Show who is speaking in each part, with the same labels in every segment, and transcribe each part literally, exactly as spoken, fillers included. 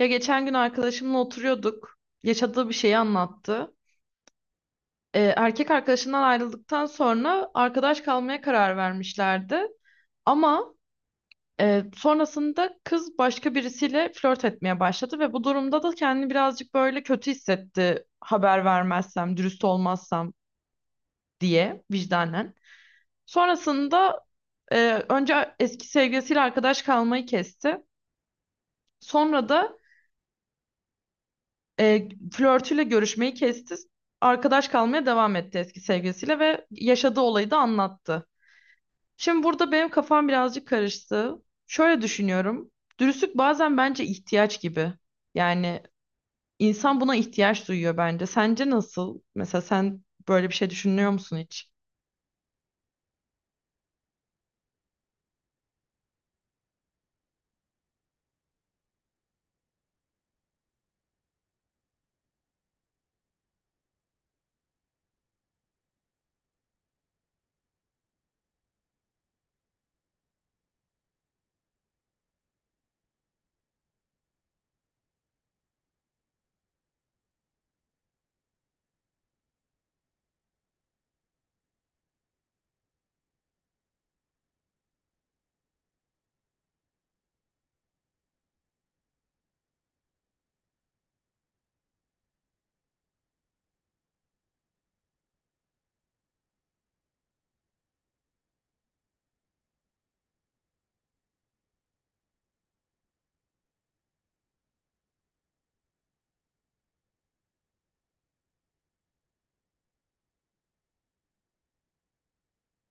Speaker 1: Ya geçen gün arkadaşımla oturuyorduk. Yaşadığı bir şeyi anlattı. Ee, erkek arkadaşından ayrıldıktan sonra arkadaş kalmaya karar vermişlerdi. Ama e, sonrasında kız başka birisiyle flört etmeye başladı ve bu durumda da kendini birazcık böyle kötü hissetti. Haber vermezsem, dürüst olmazsam diye vicdanen. Sonrasında e, önce eski sevgilisiyle arkadaş kalmayı kesti. Sonra da E, flörtüyle görüşmeyi kesti. Arkadaş kalmaya devam etti eski sevgilisiyle ve yaşadığı olayı da anlattı. Şimdi burada benim kafam birazcık karıştı. Şöyle düşünüyorum. Dürüstlük bazen bence ihtiyaç gibi. Yani insan buna ihtiyaç duyuyor bence. Sence nasıl? Mesela sen böyle bir şey düşünüyor musun hiç?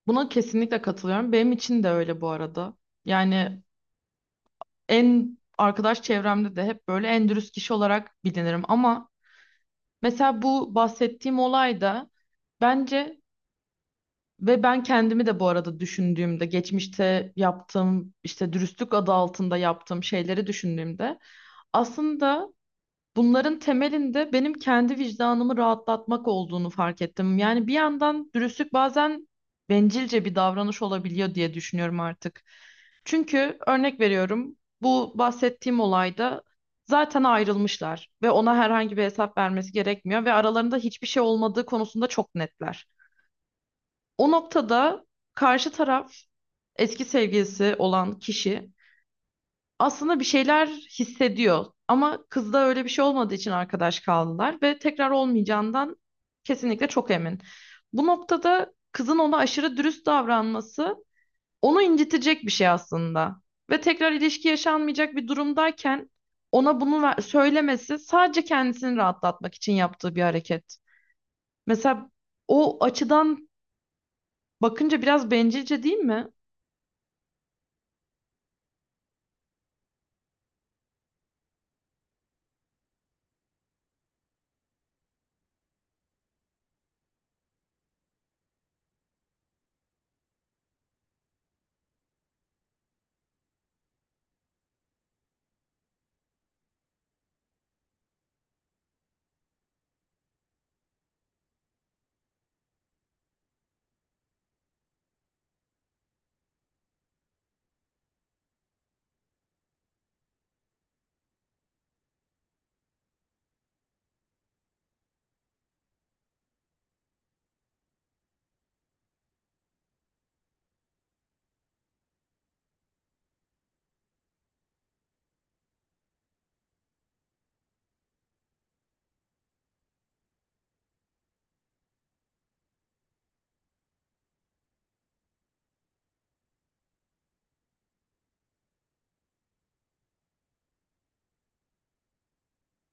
Speaker 1: Buna kesinlikle katılıyorum. Benim için de öyle bu arada. Yani en arkadaş çevremde de hep böyle en dürüst kişi olarak bilinirim, ama mesela bu bahsettiğim olayda, bence, ve ben kendimi de bu arada düşündüğümde geçmişte yaptığım işte dürüstlük adı altında yaptığım şeyleri düşündüğümde aslında bunların temelinde benim kendi vicdanımı rahatlatmak olduğunu fark ettim. Yani bir yandan dürüstlük bazen bencilce bir davranış olabiliyor diye düşünüyorum artık. Çünkü örnek veriyorum, bu bahsettiğim olayda zaten ayrılmışlar ve ona herhangi bir hesap vermesi gerekmiyor ve aralarında hiçbir şey olmadığı konusunda çok netler. O noktada karşı taraf, eski sevgilisi olan kişi, aslında bir şeyler hissediyor. Ama kızda öyle bir şey olmadığı için arkadaş kaldılar ve tekrar olmayacağından kesinlikle çok emin. Bu noktada kızın ona aşırı dürüst davranması onu incitecek bir şey aslında. Ve tekrar ilişki yaşanmayacak bir durumdayken ona bunu ver- söylemesi sadece kendisini rahatlatmak için yaptığı bir hareket. Mesela o açıdan bakınca biraz bencilce değil mi?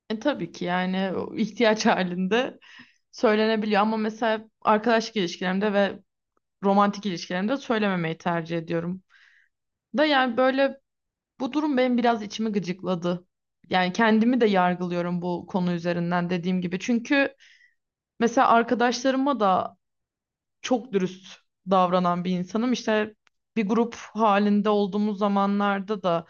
Speaker 1: E tabii ki, yani o ihtiyaç halinde söylenebiliyor, ama mesela arkadaşlık ilişkilerimde ve romantik ilişkilerimde söylememeyi tercih ediyorum. Da yani böyle bu durum benim biraz içimi gıcıkladı. Yani kendimi de yargılıyorum bu konu üzerinden, dediğim gibi. Çünkü mesela arkadaşlarıma da çok dürüst davranan bir insanım. İşte bir grup halinde olduğumuz zamanlarda da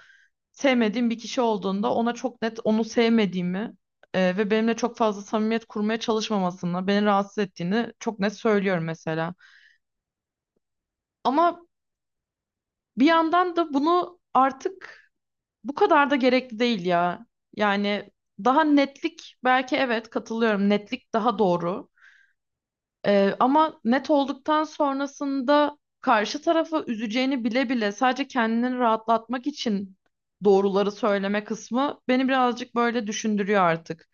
Speaker 1: sevmediğim bir kişi olduğunda ona çok net onu sevmediğimi, e, ve benimle çok fazla samimiyet kurmaya çalışmamasını, beni rahatsız ettiğini çok net söylüyorum mesela. Ama bir yandan da bunu artık bu kadar da gerekli değil ya. Yani daha netlik, belki, evet, katılıyorum. Netlik daha doğru. Ee, ama net olduktan sonrasında karşı tarafı üzeceğini bile bile sadece kendini rahatlatmak için doğruları söyleme kısmı beni birazcık böyle düşündürüyor artık.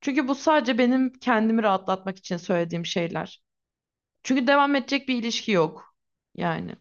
Speaker 1: Çünkü bu sadece benim kendimi rahatlatmak için söylediğim şeyler. Çünkü devam edecek bir ilişki yok yani.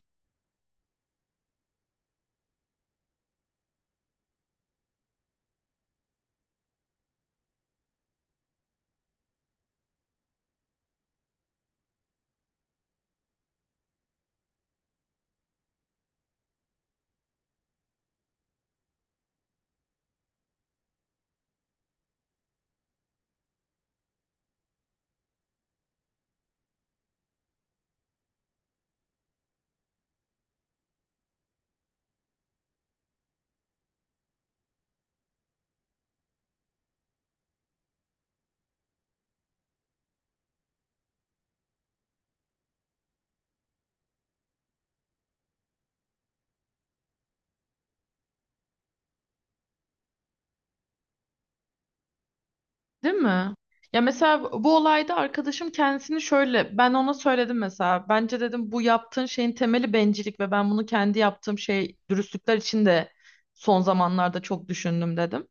Speaker 1: Değil mi? Ya mesela bu olayda arkadaşım kendisini şöyle, ben ona söyledim mesela, bence dedim bu yaptığın şeyin temeli bencillik ve ben bunu kendi yaptığım şey dürüstlükler için de son zamanlarda çok düşündüm dedim.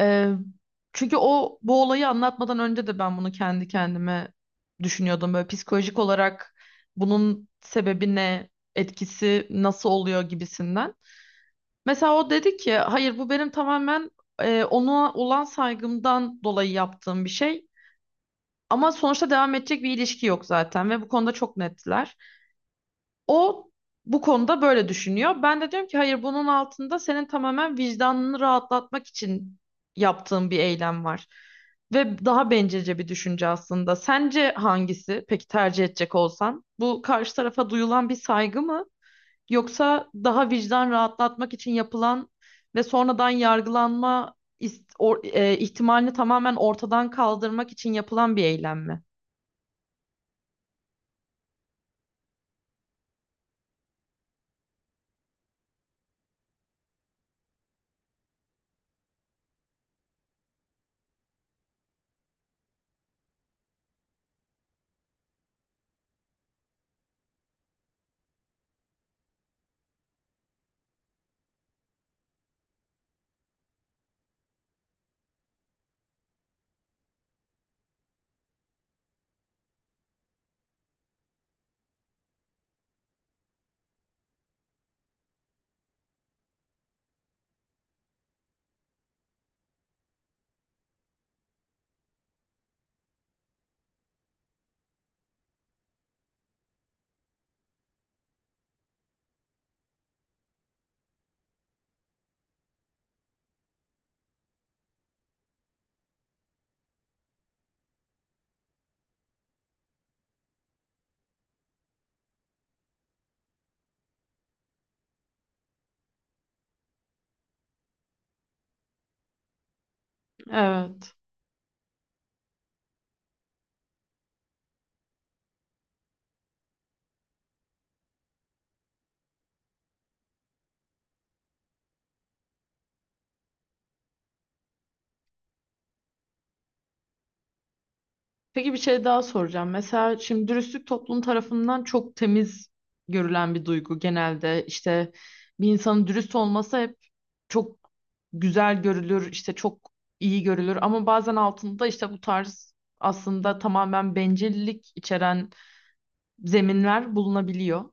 Speaker 1: Ee, Çünkü o bu olayı anlatmadan önce de ben bunu kendi kendime düşünüyordum, böyle psikolojik olarak bunun sebebi ne, etkisi nasıl oluyor gibisinden. Mesela o dedi ki hayır, bu benim tamamen e, ona olan saygımdan dolayı yaptığım bir şey. Ama sonuçta devam edecek bir ilişki yok zaten ve bu konuda çok nettiler. O bu konuda böyle düşünüyor. Ben de diyorum ki hayır, bunun altında senin tamamen vicdanını rahatlatmak için yaptığın bir eylem var. Ve daha bencilce bir düşünce aslında. Sence hangisi peki tercih edecek olsan? Bu karşı tarafa duyulan bir saygı mı? Yoksa daha vicdan rahatlatmak için yapılan ve sonradan yargılanma ist- or- e, ihtimalini tamamen ortadan kaldırmak için yapılan bir eylem mi? Evet. Peki bir şey daha soracağım. Mesela şimdi dürüstlük toplum tarafından çok temiz görülen bir duygu genelde. İşte bir insanın dürüst olması hep çok güzel görülür, işte çok iyi görülür, ama bazen altında işte bu tarz aslında tamamen bencillik içeren zeminler bulunabiliyor.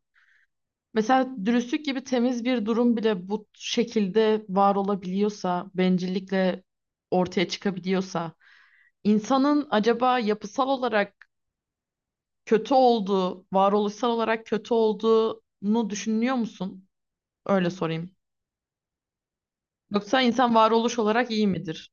Speaker 1: Mesela dürüstlük gibi temiz bir durum bile bu şekilde var olabiliyorsa, bencillikle ortaya çıkabiliyorsa, insanın acaba yapısal olarak kötü olduğu, varoluşsal olarak kötü olduğunu düşünüyor musun? Öyle sorayım. Yoksa insan varoluş olarak iyi midir?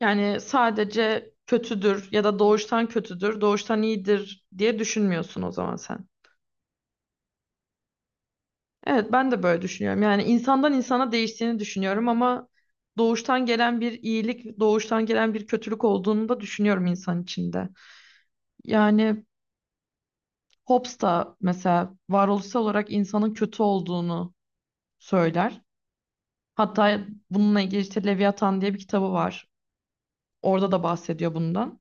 Speaker 1: Yani sadece kötüdür ya da doğuştan kötüdür, doğuştan iyidir diye düşünmüyorsun o zaman sen. Evet, ben de böyle düşünüyorum. Yani insandan insana değiştiğini düşünüyorum, ama doğuştan gelen bir iyilik, doğuştan gelen bir kötülük olduğunu da düşünüyorum insan içinde. Yani Hobbes da mesela varoluşsal olarak insanın kötü olduğunu söyler. Hatta bununla ilgili işte Leviathan diye bir kitabı var. Orada da bahsediyor bundan.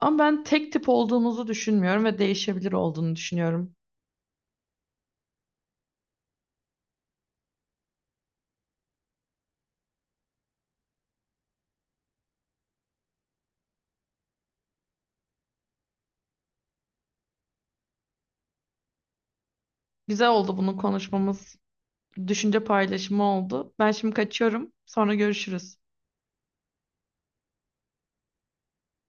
Speaker 1: Ama ben tek tip olduğumuzu düşünmüyorum ve değişebilir olduğunu düşünüyorum. Güzel oldu bunu konuşmamız. Düşünce paylaşımı oldu. Ben şimdi kaçıyorum. Sonra görüşürüz.